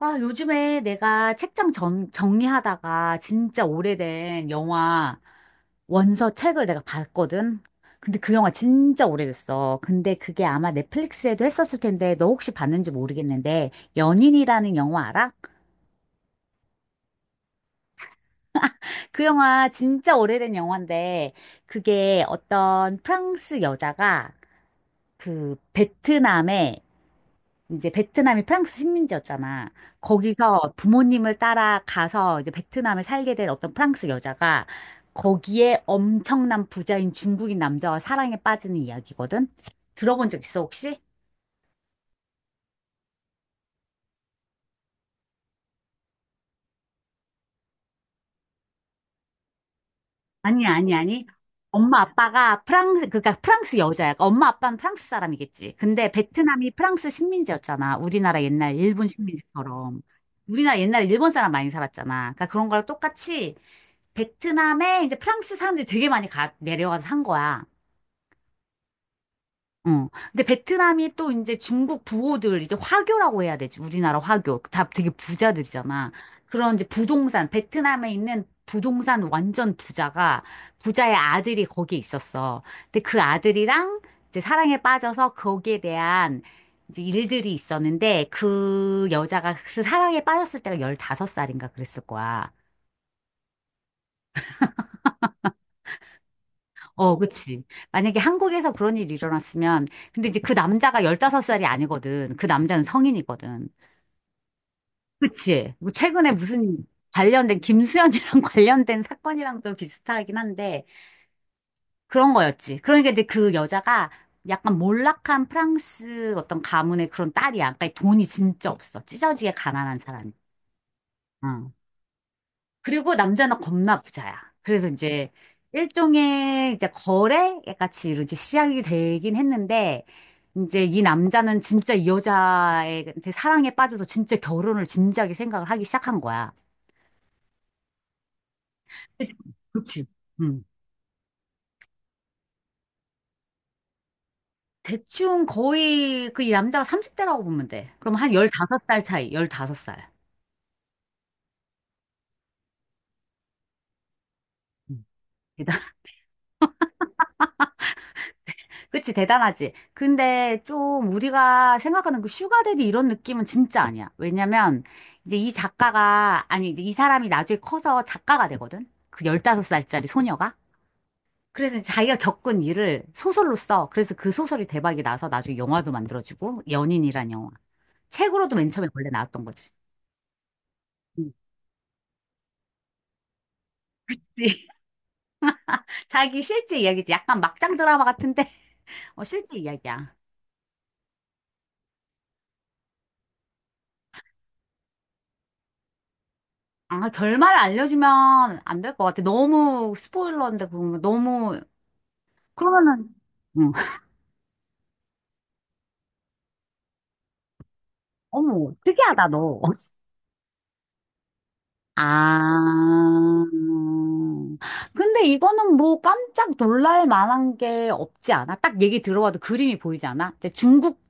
아, 요즘에 내가 책장 정리하다가 진짜 오래된 영화 원서 책을 내가 봤거든? 근데 그 영화 진짜 오래됐어. 근데 그게 아마 넷플릭스에도 했었을 텐데 너 혹시 봤는지 모르겠는데 연인이라는 영화 알아? 그 영화 진짜 오래된 영화인데 그게 어떤 프랑스 여자가 그 베트남에 이제 베트남이 프랑스 식민지였잖아. 거기서 부모님을 따라가서 이제 베트남에 살게 된 어떤 프랑스 여자가 거기에 엄청난 부자인 중국인 남자와 사랑에 빠지는 이야기거든. 들어본 적 있어, 혹시? 아니, 아니, 아니. 엄마 아빠가 프랑스, 그러니까 프랑스 여자야. 엄마 아빠는 프랑스 사람이겠지. 근데 베트남이 프랑스 식민지였잖아. 우리나라 옛날 일본 식민지처럼. 우리나라 옛날에 일본 사람 많이 살았잖아. 그러니까 그런 거랑 똑같이 베트남에 이제 프랑스 사람들이 되게 많이 내려와서 산 거야. 어. 근데 베트남이 또 이제 중국 부호들 이제 화교라고 해야 되지. 우리나라 화교. 다 되게 부자들이잖아. 그런 이제 부동산, 베트남에 있는 부동산 완전 부자가 부자의 아들이 거기에 있었어. 근데 그 아들이랑 이제 사랑에 빠져서 거기에 대한 이제 일들이 있었는데 그 여자가 그 사랑에 빠졌을 때가 15살인가 그랬을 거야. 어, 그치. 만약에 한국에서 그런 일이 일어났으면 근데 이제 그 남자가 15살이 아니거든. 그 남자는 성인이거든. 그치. 뭐 최근에 무슨 관련된, 김수현이랑 관련된 사건이랑도 비슷하긴 한데, 그런 거였지. 그러니까 이제 그 여자가 약간 몰락한 프랑스 어떤 가문의 그런 딸이야. 그러니까 돈이 진짜 없어. 찢어지게 가난한 사람이. 응. 그리고 남자는 겁나 부자야. 그래서 이제 일종의 이제 거래 같이 이제 시작이 되긴 했는데, 이제 이 남자는 진짜 이 여자한테 사랑에 빠져서 진짜 결혼을 진지하게 생각을 하기 시작한 거야. 그치. 응. 대충 거의 그 이 남자가 30대라고 보면 돼. 그럼 한 15살 차이, 15살. 음. 대단, 그치, 대단하지. 근데 좀 우리가 생각하는 그 슈가데디 이런 느낌은 진짜 아니야. 왜냐면 이제 이 작가가, 아니, 이제 이 사람이 나중에 커서 작가가 되거든? 그 15살짜리 소녀가. 그래서 이제 자기가 겪은 일을 소설로 써. 그래서 그 소설이 대박이 나서 나중에 영화도 만들어지고, 연인이란 영화. 책으로도 맨 처음에 원래 나왔던 거지. 음. 자기 실제 이야기지. 약간 막장 드라마 같은데, 어, 실제 이야기야. 아, 결말을 알려주면 안 될 것 같아. 너무 스포일러인데, 그러면 너무, 그러면은, 응. 어머, 특이하다, 너. 아, 근데 이거는 뭐 깜짝 놀랄 만한 게 없지 않아? 딱 얘기 들어봐도 그림이 보이지 않아? 이제 중국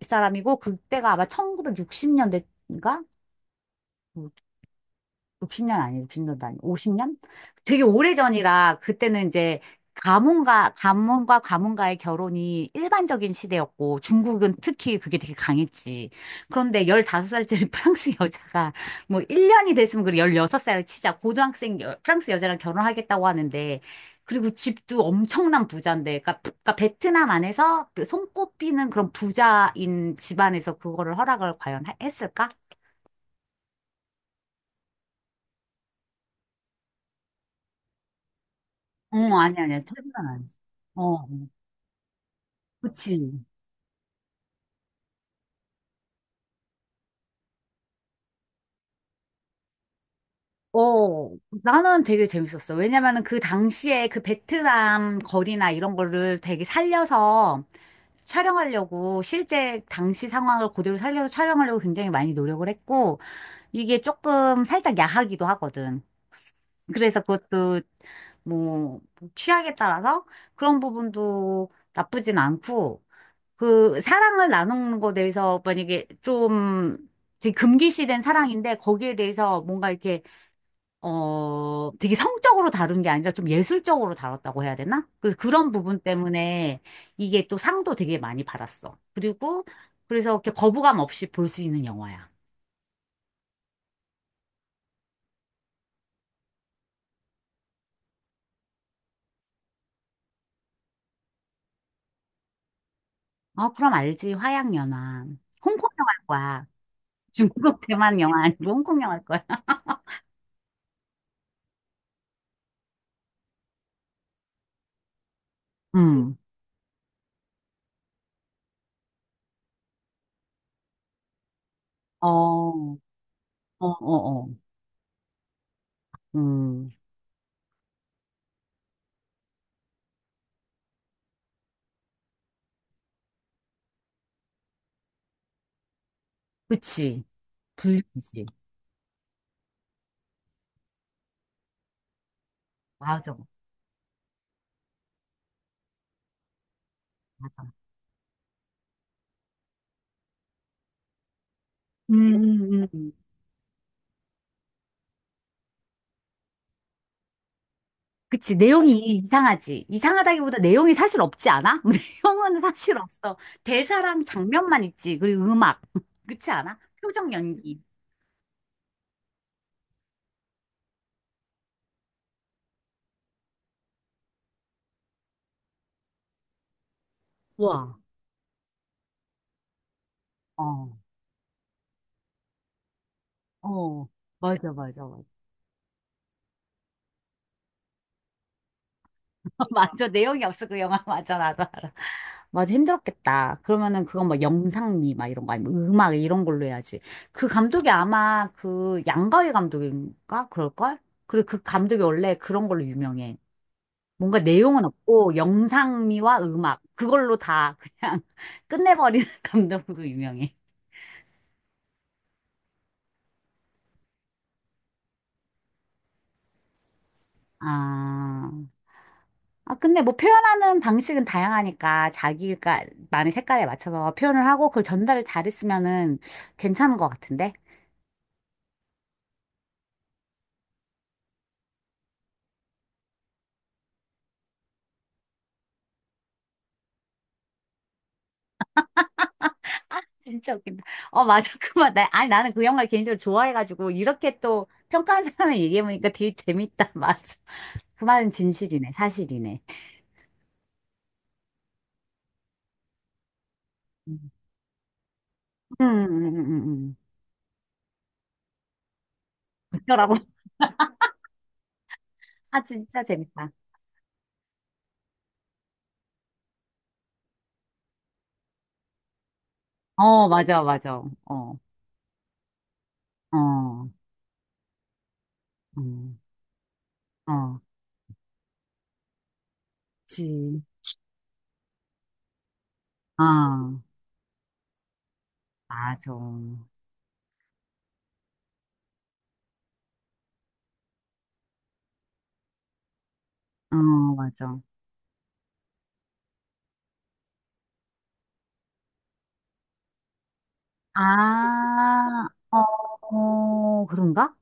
사람이고, 그때가 아마 1960년대인가? 60년 아니, 6진년도 아니, 50년? 되게 오래전이라 그때는 이제 가문과 가문과의 결혼이 일반적인 시대였고 중국은 특히 그게 되게 강했지. 그런데 15살짜리 프랑스 여자가 뭐 1년이 됐으면 그래 16살을 치자 고등학생 프랑스 여자랑 결혼하겠다고 하는데 그리고 집도 엄청난 부자인데 그러니까, 그러니까 베트남 안에서 그 손꼽히는 그런 부자인 집안에서 그거를 허락을 과연 했을까? 어, 아니, 아니, 태어난 아니지. 그치. 어, 나는 되게 재밌었어. 왜냐면은 그 당시에 그 베트남 거리나 이런 거를 되게 살려서 촬영하려고 실제 당시 상황을 그대로 살려서 촬영하려고 굉장히 많이 노력을 했고 이게 조금 살짝 야하기도 하거든. 그래서 그것도 뭐 취향에 따라서 그런 부분도 나쁘진 않고 그 사랑을 나누는 거에 대해서 만약에 좀 되게 금기시된 사랑인데 거기에 대해서 뭔가 이렇게 어, 되게 성적으로 다룬 게 아니라 좀 예술적으로 다뤘다고 해야 되나? 그래서 그런 부분 때문에 이게 또 상도 되게 많이 받았어. 그리고 그래서 이렇게 거부감 없이 볼 수 있는 영화야. 어, 그럼 알지. 화양연화. 홍콩 영화일 거야. 중국, 대만 영화 아니고 홍콩 영화일 거야. 음. 어, 어, 어, 어. 음. 그치. 불리지. 맞아. 음. 그치, 내용이 이상하지. 이상하다기보다 내용이 사실 없지 않아? 내용은 사실 없어. 대사랑 장면만 있지. 그리고 음악. 그치 않아? 표정 연기. 와, 어, 어. 맞아, 맞아, 맞아. 맞아, 내용이 없어, 그 영화. 맞아, 나도 알아. 맞아, 힘들었겠다. 그러면은 그건 뭐 영상미, 막 이런 거 아니면 음악 이런 걸로 해야지. 그 감독이 아마 그 양가위 감독인가? 그럴걸? 그리고 그 감독이 원래 그런 걸로 유명해. 뭔가 내용은 없고 영상미와 음악 그걸로 다 그냥 끝내버리는 감독으로 유명해. 아, 아 근데 뭐 표현하는 방식은 다양하니까 자기가 많은 색깔에 맞춰서 표현을 하고 그걸 전달을 잘했으면은 괜찮은 것 같은데. 진짜 웃긴다. 어 맞아 그만. 나, 아니 나는 그 영화를 개인적으로 좋아해가지고 이렇게 또 평가하는 사람을 얘기해보니까 되게 재밌다. 맞아. 그 말은 진실이네, 사실이네. 음, 음. 그더라고. 아 진짜 재밌다. 어, 맞아, 맞아. 어, 어, 어 어, 그치. 아, 맞아. 어, 맞아. 아, 어, 그런가?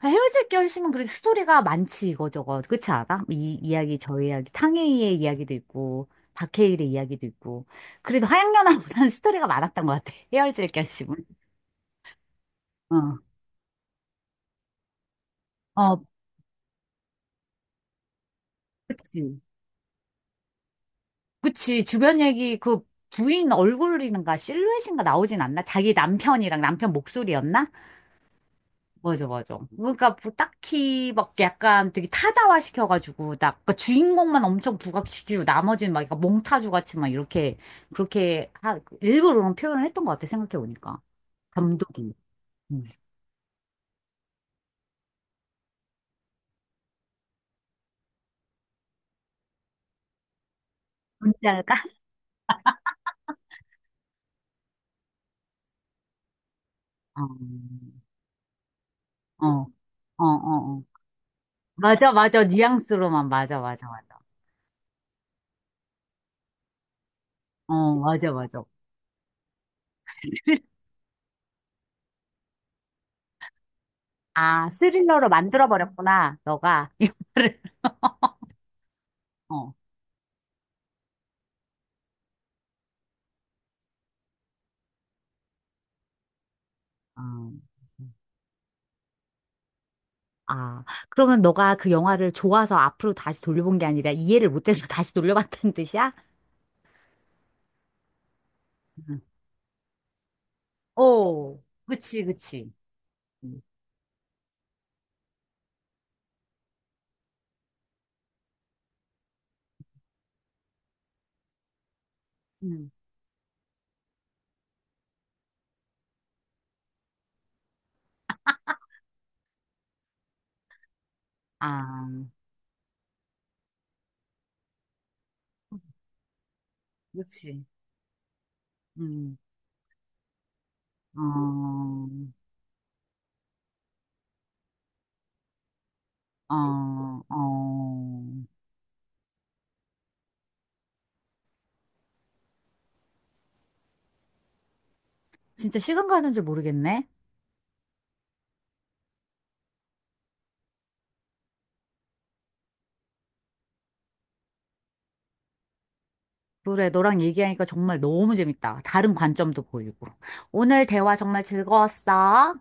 아, 헤어질 결심은 그래도 스토리가 많지, 이거 저거. 그렇지 않아? 이 이야기, 저 이야기, 탕웨이의 이야기도 있고, 박해일의 이야기도 있고. 그래도 하양연화보다는 스토리가 많았던 것 같아. 헤어질 결심은. 어, 어, 그치. 그치, 주변 얘기, 그 부인 얼굴인가 실루엣인가 나오진 않나? 자기 남편이랑 남편 목소리였나? 맞아, 맞아. 그러니까 뭐 딱히 막 약간 되게 타자화 시켜가지고, 딱, 그 주인공만 엄청 부각시키고, 나머지는 막 약간 몽타주 같이 막 이렇게, 그렇게, 하, 일부러 그런 표현을 했던 것 같아, 생각해보니까. 감독이. 음. 뭔지 알까? 어, 어, 어, 어. 어. 맞아, 맞아. 뉘앙스로만, 맞아, 맞아, 맞아. 어, 맞아, 맞아. 아, 스릴러로 만들어버렸구나, 너가. 영화를. 어. 아, 아, 그러면 너가 그 영화를 좋아서 앞으로 다시 돌려본 게 아니라 이해를 못해서 다시 돌려봤다는 뜻이야? 음. 오, 그치, 그치. 음, 음, 아, 그치. 음, 어, 어, 어. 진짜 시간 가는 줄 모르겠네. 그래, 너랑 얘기하니까 정말 너무 재밌다. 다른 관점도 보이고. 오늘 대화 정말 즐거웠어.